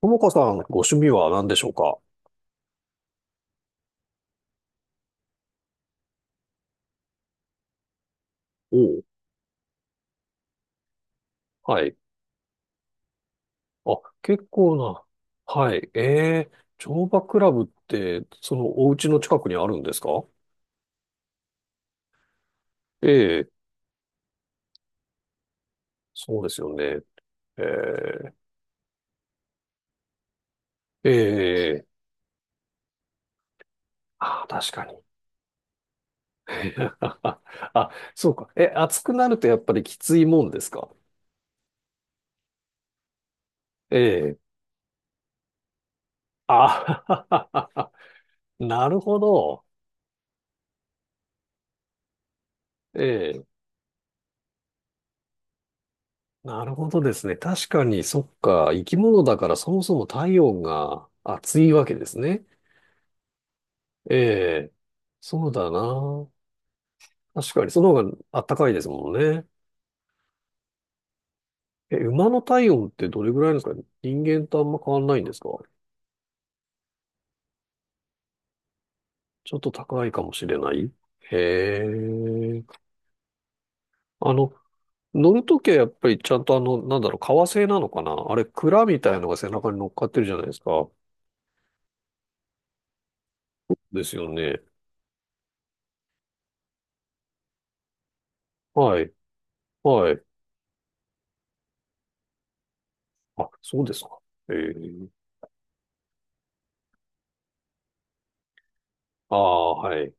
ともかさん、ご趣味は何でしょうか？おうはい。あ、結構な。はい。ええ乗馬クラブって、そのお家の近くにあるんですか？ええそうですよね。ええええあ、確かに。あ、あそうか。え、暑くなるとやっぱりきついもんですか？ええあ、なるほど。ええなるほどですね。確かに、そっか。生き物だからそもそも体温が暑いわけですね。ええ、そうだな。確かに、その方があったかいですもんね。え、馬の体温ってどれぐらいなんですか？人間とあんま変わんないんですか？ちょっと高いかもしれない。へえ。あの、乗るときはやっぱりちゃんとあの、なんだろう、革製なのかなあれ、鞍みたいのが背中に乗っかってるじゃないですか。ですよね。はい。はい。あ、そうですか。ええ。ああ、はい。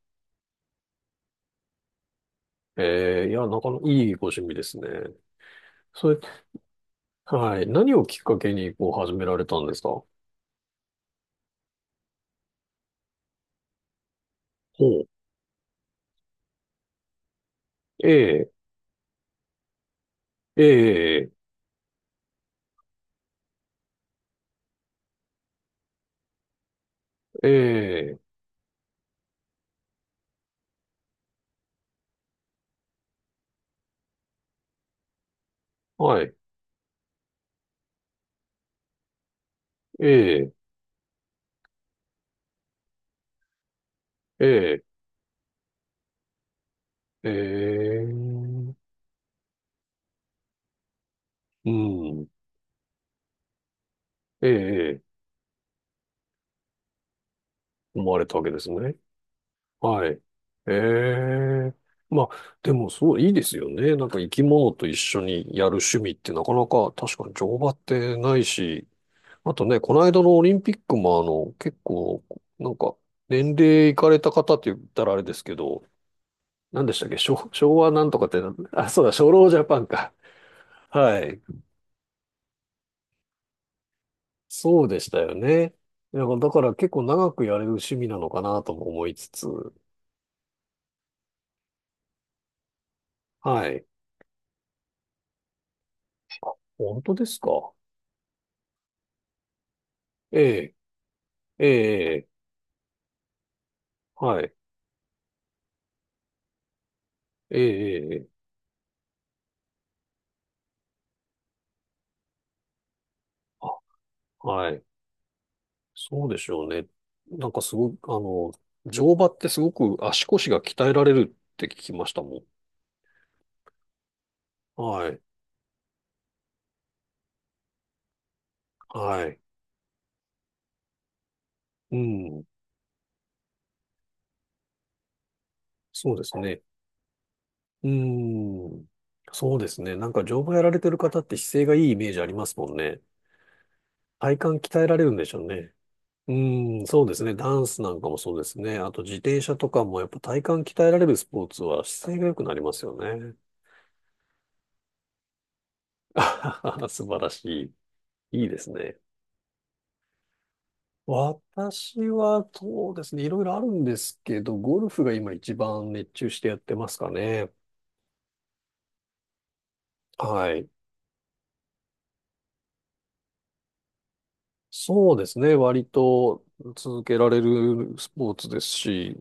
ええ、いや、なかなかいいご趣味ですね。それはい。何をきっかけに、こう、始められたんですかほう。ええ、ええ、ええ、はい。ええ、ええ、ええ、うん。ええ、ええ思われたわけですね。はい。ええ。まあ、でも、そう、いいですよね。なんか、生き物と一緒にやる趣味ってなかなか、確かに乗馬ってないし、あとね、この間のオリンピックも、あの、結構、なんか、年齢いかれた方って言ったらあれですけど、何でしたっけ昭和なんとかってなんあ、そうだ、初老ジャパンか。はい。そうでしたよね。いやだから結構長くやれる趣味なのかなとも思いつつ。はい。本当ですか？ええ、ええ、ええはい。ええ、ええ、あ、はい。そうでしょうね。なんかすごく、あの、乗馬ってすごく足腰が鍛えられるって聞きましたもん。はい。はい。うん。そうですね。うーん。そうですね。なんか乗馬やられてる方って姿勢がいいイメージありますもんね。体幹鍛えられるんでしょうね。うーん、そうですね。ダンスなんかもそうですね。あと自転車とかもやっぱ体幹鍛えられるスポーツは姿勢が良くなりますよね。あはは素晴らしい。いいですね。私はそうですね。いろいろあるんですけど、ゴルフが今一番熱中してやってますかね。はい。そうですね。割と続けられるスポーツですし、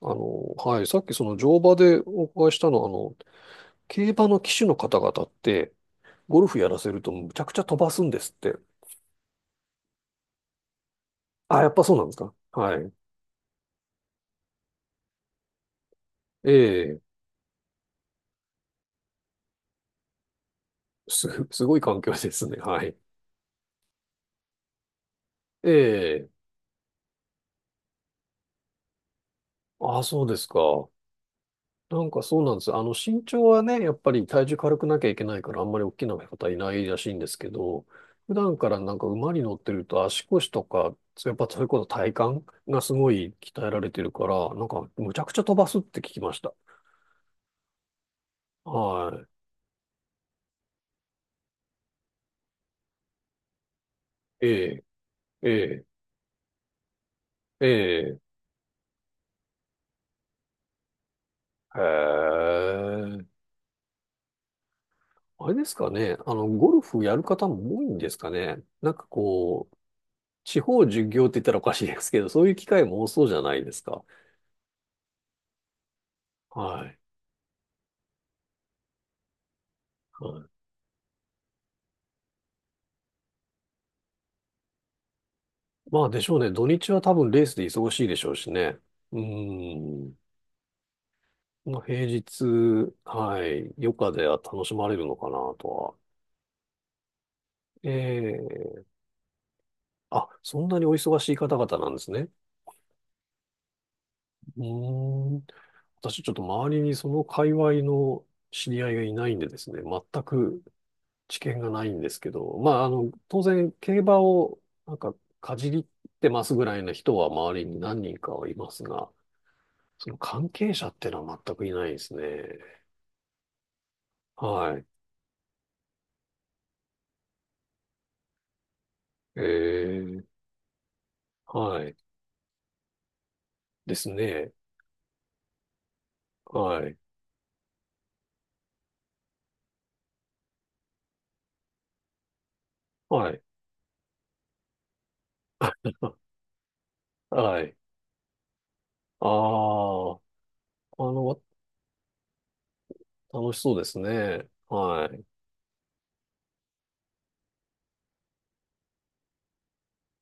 あの、はい、さっきその乗馬でお伺いしたのは、あの、競馬の騎手の方々って、ゴルフやらせるとむちゃくちゃ飛ばすんですって。あ、やっぱそうなんですか。はい。ええ、すごい環境ですね。はい。ええ、あ、そうですか。なんかそうなんですよ。あの、身長はね、やっぱり体重軽くなきゃいけないから、あんまり大きな方いないらしいんですけど、普段からなんか馬に乗ってると足腰とか、やっぱそういうこと体幹がすごい鍛えられてるから、なんかむちゃくちゃ飛ばすって聞きました。はい。ええ、ええ、ええ、へえ。あれですかね。あの、ゴルフやる方も多いんですかね。なんかこう、地方巡業って言ったらおかしいですけど、そういう機会も多そうじゃないですか。はい。はいまあでしょうね。土日は多分レースで忙しいでしょうしね。うーん。まあ、平日、はい。余暇では楽しまれるのかなとは。ええあ、そんなにお忙しい方々なんですね。うーん。私ちょっと周りにその界隈の知り合いがいないんでですね。全く知見がないんですけど。まあ、あの、当然競馬をなんかかじりってますぐらいな人は周りに何人かはいますが、その関係者っていうのは全くいないですね。はい。ええ、はい。ですね。はい。はい。あ、はい。ああ、あの、楽しそうですね。はい。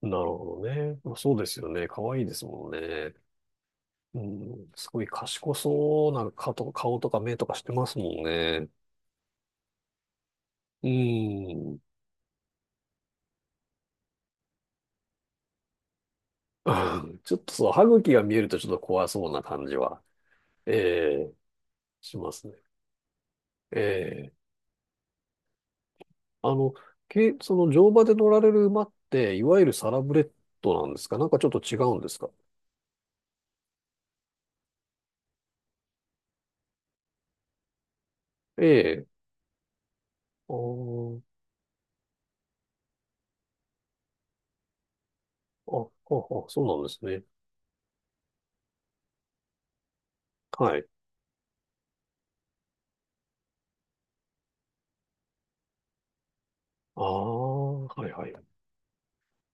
なるほどね。そうですよね。可愛いですもんね。うん、すごい賢そうな顔とか目とかしてますもんね。うん。あーちょっとそう、歯茎が見えるとちょっと怖そうな感じは、ええ、しますね。ええ。あの、け、その乗馬で乗られる馬って、いわゆるサラブレッドなんですか？なんかちょっと違うんですか？ええ。あーあ、あ、あ、そうなんですね。はい。ああ、はいはい。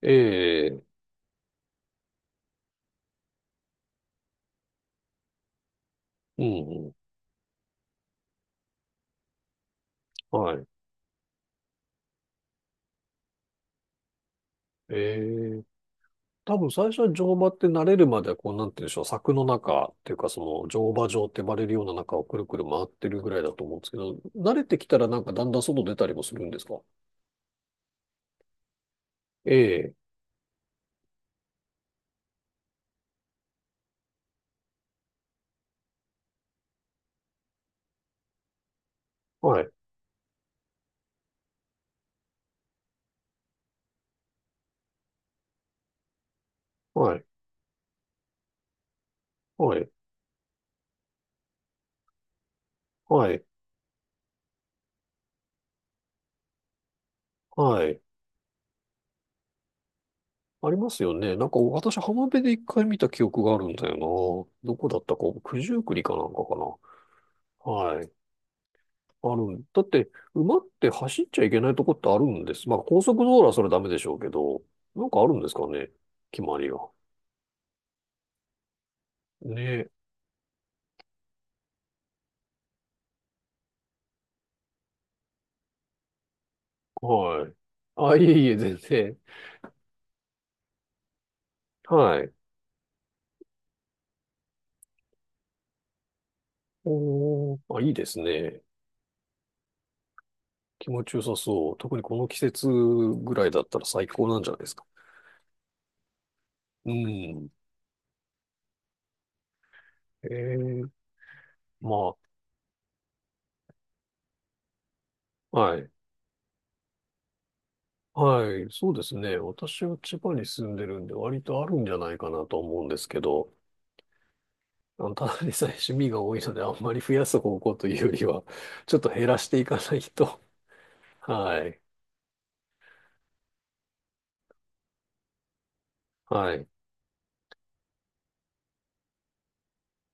ええ、うん、うん、はい。ええ、多分最初は乗馬って慣れるまでは、こう、なんて言うんでしょう、柵の中っていうか、その乗馬場って呼ばれるような中をくるくる回ってるぐらいだと思うんですけど、慣れてきたらなんかだんだん外出たりもするんですか？ええ、はい、はい、はい、はい、はい。ありますよね。なんか私、浜辺で一回見た記憶があるんだよな。どこだったか、九十九里かなんかかな。はい。ある。だって、馬って走っちゃいけないとこってあるんです。まあ、高速道路はそれダメでしょうけど、なんかあるんですかね。決まりが。ね。はい。あ、いえいえ、全然。はい。おー、あ、いいですね。気持ちよさそう。特にこの季節ぐらいだったら最高なんじゃないですか。うん。ええ、まあ、はい。はい、そうですね。私は千葉に住んでるんで、割とあるんじゃないかなと思うんですけど、あのただでさえ趣味が多いので、あんまり増やす方向というよりは、ちょっと減らしていかないと。はい、はい。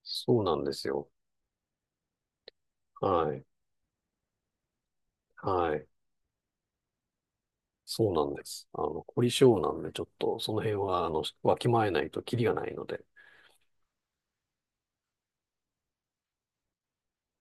そうなんですよ。はい、はい。そうなんです。あの、凝り性なんで、ちょっとその辺は、あの、わきまえないとキリがないので。